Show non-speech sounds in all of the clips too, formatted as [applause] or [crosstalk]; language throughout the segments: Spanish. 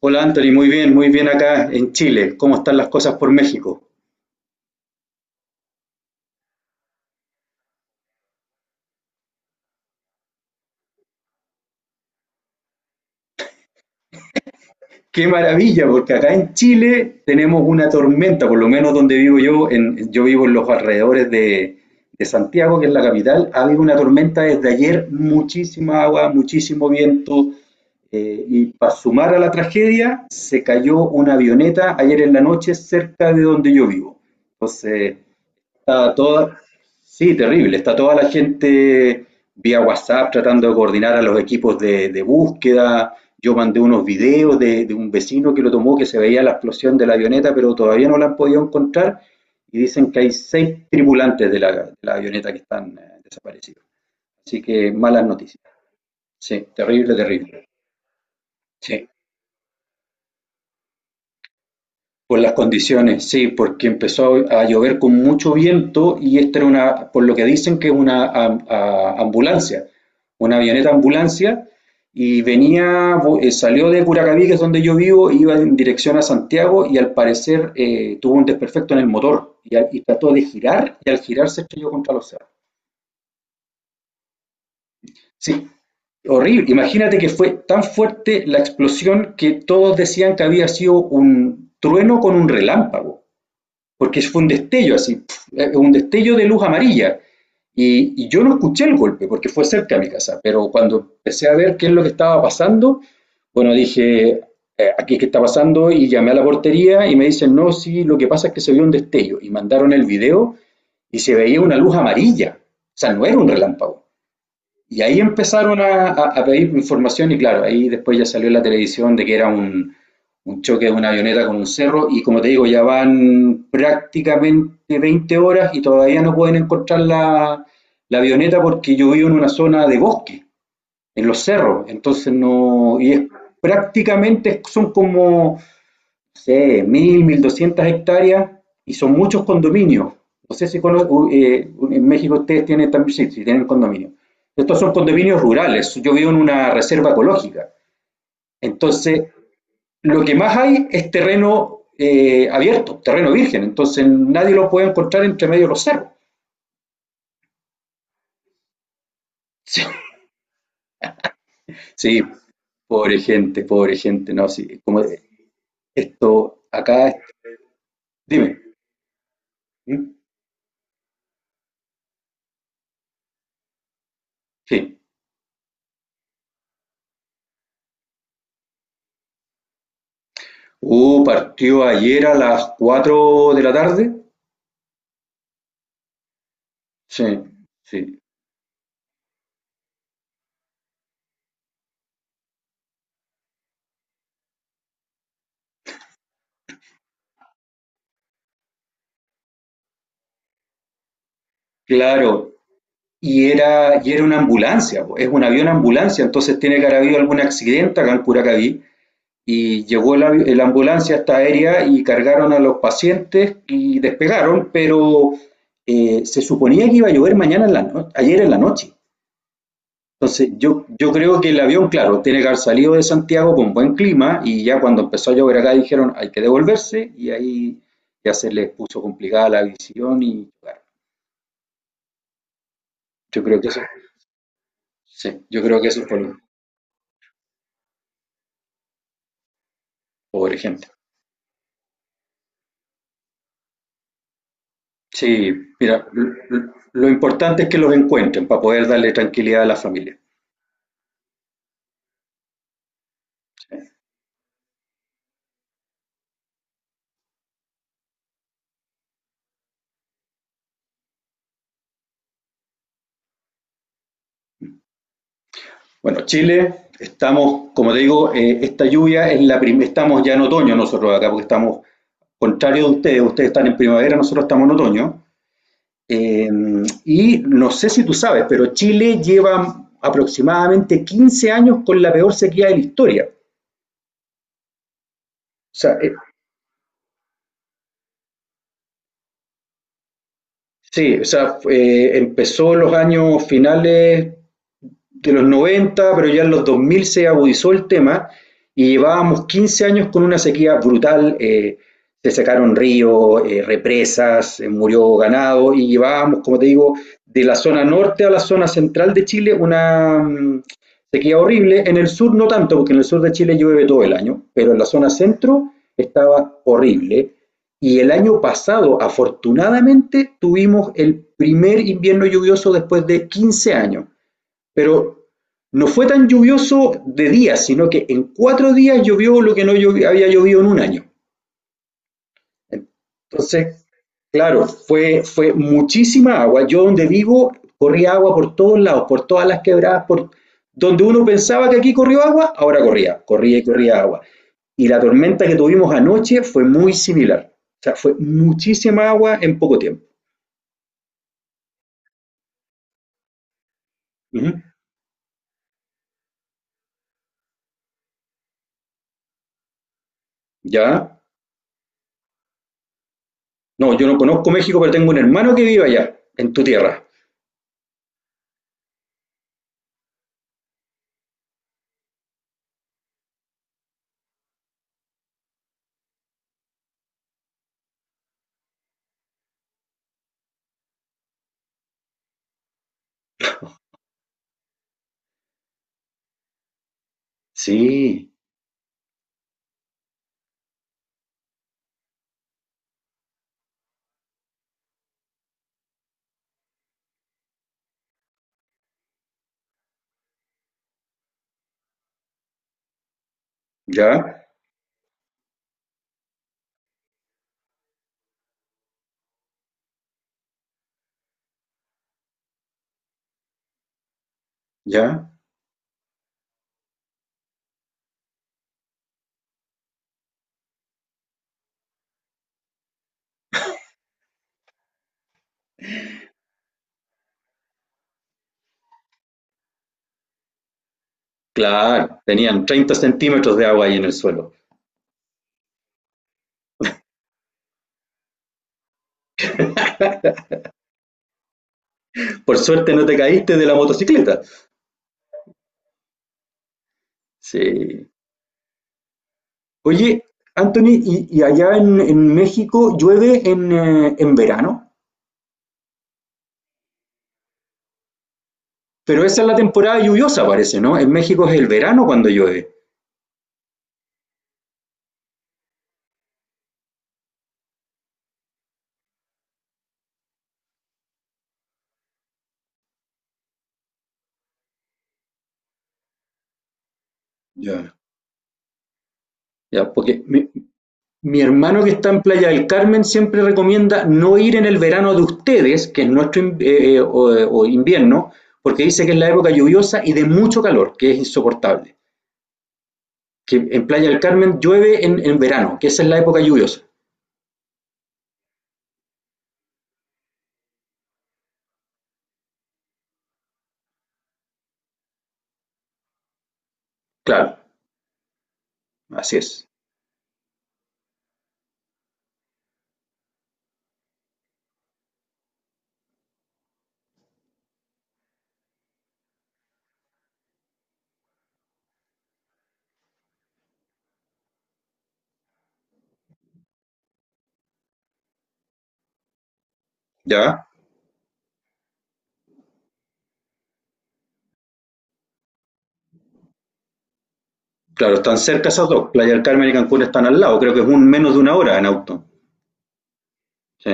Hola Anthony, muy bien acá en Chile. ¿Cómo están las cosas por México? Qué maravilla, porque acá en Chile tenemos una tormenta, por lo menos donde vivo yo, yo vivo en los alrededores de Santiago, que es la capital, ha habido una tormenta desde ayer, muchísima agua, muchísimo viento, y para sumar a la tragedia, se cayó una avioneta ayer en la noche cerca de donde yo vivo. Entonces, Está toda, sí, terrible. Está toda la gente vía WhatsApp tratando de coordinar a los equipos de búsqueda. Yo mandé unos videos de un vecino que lo tomó, que se veía la explosión de la avioneta, pero todavía no la han podido encontrar. Y dicen que hay seis tripulantes de la avioneta que están desaparecidos. Así que malas noticias. Sí, terrible, terrible. Sí. Por las condiciones, sí, porque empezó a llover con mucho viento y esta era una, por lo que dicen que es una ambulancia, una avioneta ambulancia y venía, salió de Curacaví, que es donde yo vivo, e iba en dirección a Santiago y al parecer tuvo un desperfecto en el motor y trató de girar y al girar se estrelló contra los cerros. Sí, horrible. Imagínate que fue tan fuerte la explosión que todos decían que había sido un trueno con un relámpago. Porque fue un destello así, un destello de luz amarilla. Yo no escuché el golpe porque fue cerca de mi casa, pero cuando empecé a ver qué es lo que estaba pasando, bueno, dije, aquí qué está pasando y llamé a la portería y me dicen, no, sí, lo que pasa es que se vio un destello y mandaron el video y se veía una luz amarilla, o sea, no era un relámpago. Y ahí empezaron a pedir información y claro, ahí después ya salió en la televisión de que era un choque de una avioneta con un cerro y como te digo, ya van prácticamente 20 horas y todavía no pueden encontrar la avioneta porque yo vivo en una zona de bosque, en los cerros, entonces no, y es prácticamente son como, no sé, mil, 1.200 hectáreas y son muchos condominios. No sé si en México ustedes tienen también, sí, sí, tienen condominios. Estos son condominios rurales, yo vivo en una reserva ecológica. Entonces, lo que más hay es terreno abierto, terreno virgen, entonces nadie lo puede encontrar entre medio de los cerros. [laughs] Sí, sí, pobre gente, no, sí, como esto acá, dime, sí. Partió ayer a las 4 de la tarde, sí, sí, claro, y era una ambulancia, po. Es un avión ambulancia, entonces tiene que haber habido algún accidente acá en Curacaví, y llegó la ambulancia hasta aérea y cargaron a los pacientes y despegaron, pero se suponía que iba a llover mañana en la no ayer en la noche. Entonces yo creo que el avión, claro, tiene que haber salido de Santiago con buen clima y ya cuando empezó a llover acá dijeron hay que devolverse y ahí ya se les puso complicada la visión y bueno, yo creo que eso, sí, yo creo que eso fue lo pobre gente. Sí, mira, lo importante es que los encuentren para poder darle tranquilidad a la familia. Bueno, Chile, estamos, como te digo, esta lluvia es la primera, estamos ya en otoño nosotros acá, porque estamos, contrario de ustedes, ustedes están en primavera, nosotros estamos en otoño. Eh, y no sé si tú sabes, pero Chile lleva aproximadamente 15 años con la peor sequía de la historia. O sea, sí, empezó en los años finales de los 90 pero ya en los 2000 se agudizó el tema y llevábamos 15 años con una sequía brutal. Se secaron ríos, represas, murió ganado y llevábamos, como te digo, de la zona norte a la zona central de Chile una sequía horrible. En el sur no tanto, porque en el sur de Chile llueve todo el año, pero en la zona centro estaba horrible. Y el año pasado, afortunadamente, tuvimos el primer invierno lluvioso después de 15 años pero no fue tan lluvioso de días, sino que en 4 días llovió lo que no había llovido en un año. Entonces, claro, fue muchísima agua. Yo donde vivo corría agua por todos lados, por todas las quebradas, por donde uno pensaba que aquí corrió agua, ahora corría, corría y corría agua. Y la tormenta que tuvimos anoche fue muy similar. O sea, fue muchísima agua en poco tiempo. Ujú. ¿Ya? No, yo no conozco México, pero tengo un hermano que vive allá, en tu tierra. Sí. ¿Ya? ¿Ya? Claro, tenían 30 centímetros de agua ahí en el suelo. Por suerte no te caíste de la motocicleta. Sí. Oye, Anthony, ¿y allá en, México llueve en verano? Pero esa es la temporada lluviosa, parece, ¿no? En México es el verano cuando llueve. Ya. Ya, porque mi hermano que está en Playa del Carmen siempre recomienda no ir en el verano de ustedes, que es nuestro in- o invierno, porque dice que es la época lluviosa y de mucho calor, que es insoportable. Que en Playa del Carmen llueve en verano, que esa es la época lluviosa. Claro, así es. ¿Ya? Claro, están cerca esas dos. Playa del Carmen y Cancún están al lado. Creo que es un menos de una hora en auto. Sí,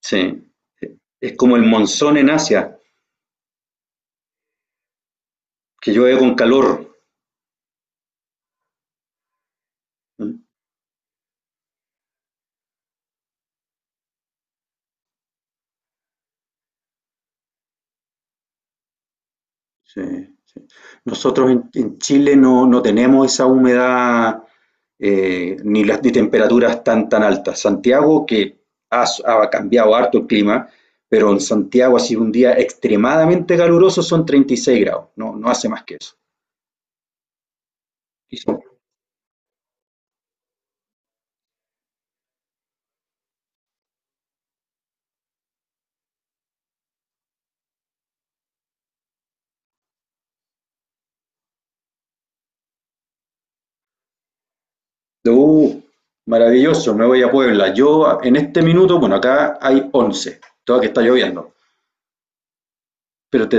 sí. Es como el monzón en Asia, que llueve con calor. ¿Mm? Sí, sí. Nosotros en Chile no tenemos esa humedad ni temperaturas tan tan altas. Santiago, que ha cambiado harto el clima, pero en Santiago ha sido un día extremadamente caluroso, son 36 grados, no hace más que eso. Y son- Uh, maravilloso, me voy a Puebla. Yo en este minuto, bueno, acá hay 11, toda que está lloviendo, pero te,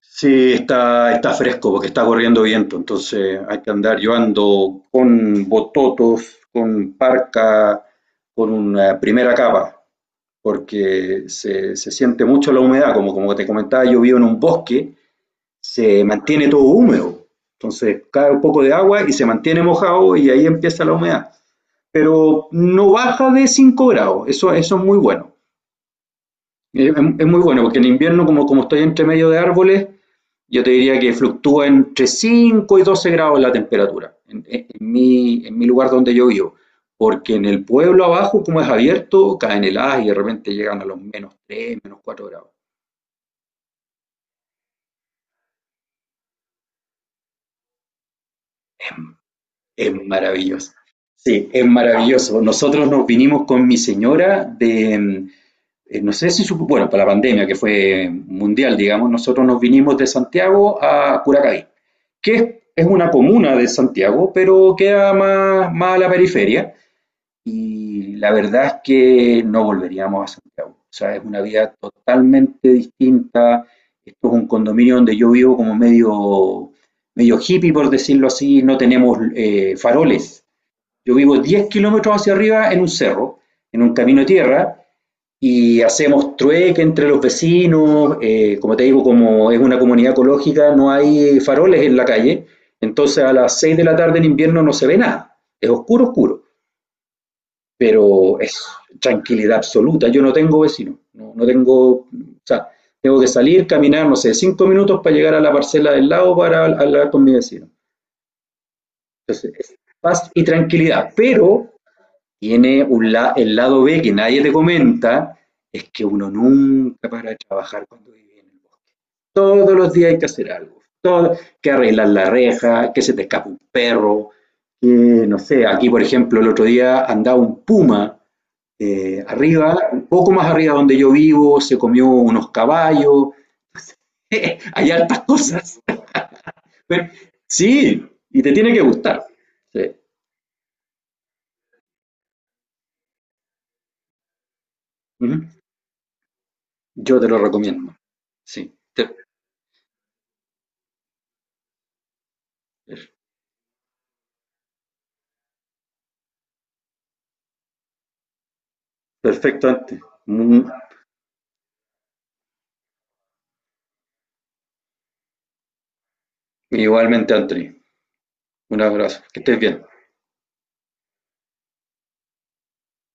sí, está fresco porque está corriendo viento, entonces hay que andar. Yo ando con bototos, con parca, con una primera capa, porque se siente mucho la humedad. Como te comentaba, yo vivo en un bosque, se mantiene todo húmedo. Entonces cae un poco de agua y se mantiene mojado y ahí empieza la humedad. Pero no baja de 5 grados, eso es muy bueno. Es muy bueno porque en invierno, como estoy entre medio de árboles, yo te diría que fluctúa entre 5 y 12 grados la temperatura en mi lugar donde yo vivo. Porque en el pueblo abajo, como es abierto, caen heladas y de repente llegan a los menos tres menos cuatro grados. Es, es maravilloso. Sí, es maravilloso. Nosotros nos vinimos con mi señora de, no sé si supo, bueno, para la pandemia que fue mundial, digamos, nosotros nos vinimos de Santiago a Curacaví, que es una comuna de Santiago, pero queda más a la periferia. Y la verdad es que no volveríamos a Santiago. O sea, es una vida totalmente distinta. Esto es un condominio donde yo vivo como medio, medio hippie, por decirlo así. No tenemos faroles. Yo vivo 10 kilómetros hacia arriba en un cerro, en un camino de tierra, y hacemos trueque entre los vecinos. Como te digo, como es una comunidad ecológica, no hay faroles en la calle. Entonces a las 6 de la tarde en invierno no se ve nada. Es oscuro, oscuro pero es tranquilidad absoluta. Yo no tengo vecino, no tengo, o sea, tengo que salir, caminar, no sé, 5 minutos para llegar a la parcela del lado para hablar con mi vecino. Entonces, es paz y tranquilidad, pero tiene el lado B que nadie te comenta, es que uno nunca para de trabajar cuando vive en el bosque. Todos los días hay que hacer algo, todo, que arreglar la reja, que se te escapa un perro, que, no sé, aquí por ejemplo el otro día andaba un puma arriba, un poco más arriba donde yo vivo, se comió unos caballos, [laughs] hay altas cosas. Pero, sí, y te tiene que gustar. Sí. Uh -huh. Yo te lo recomiendo. Sí. Perfecto, Antri. Mm, igualmente, Antri. Un abrazo. Que estés bien.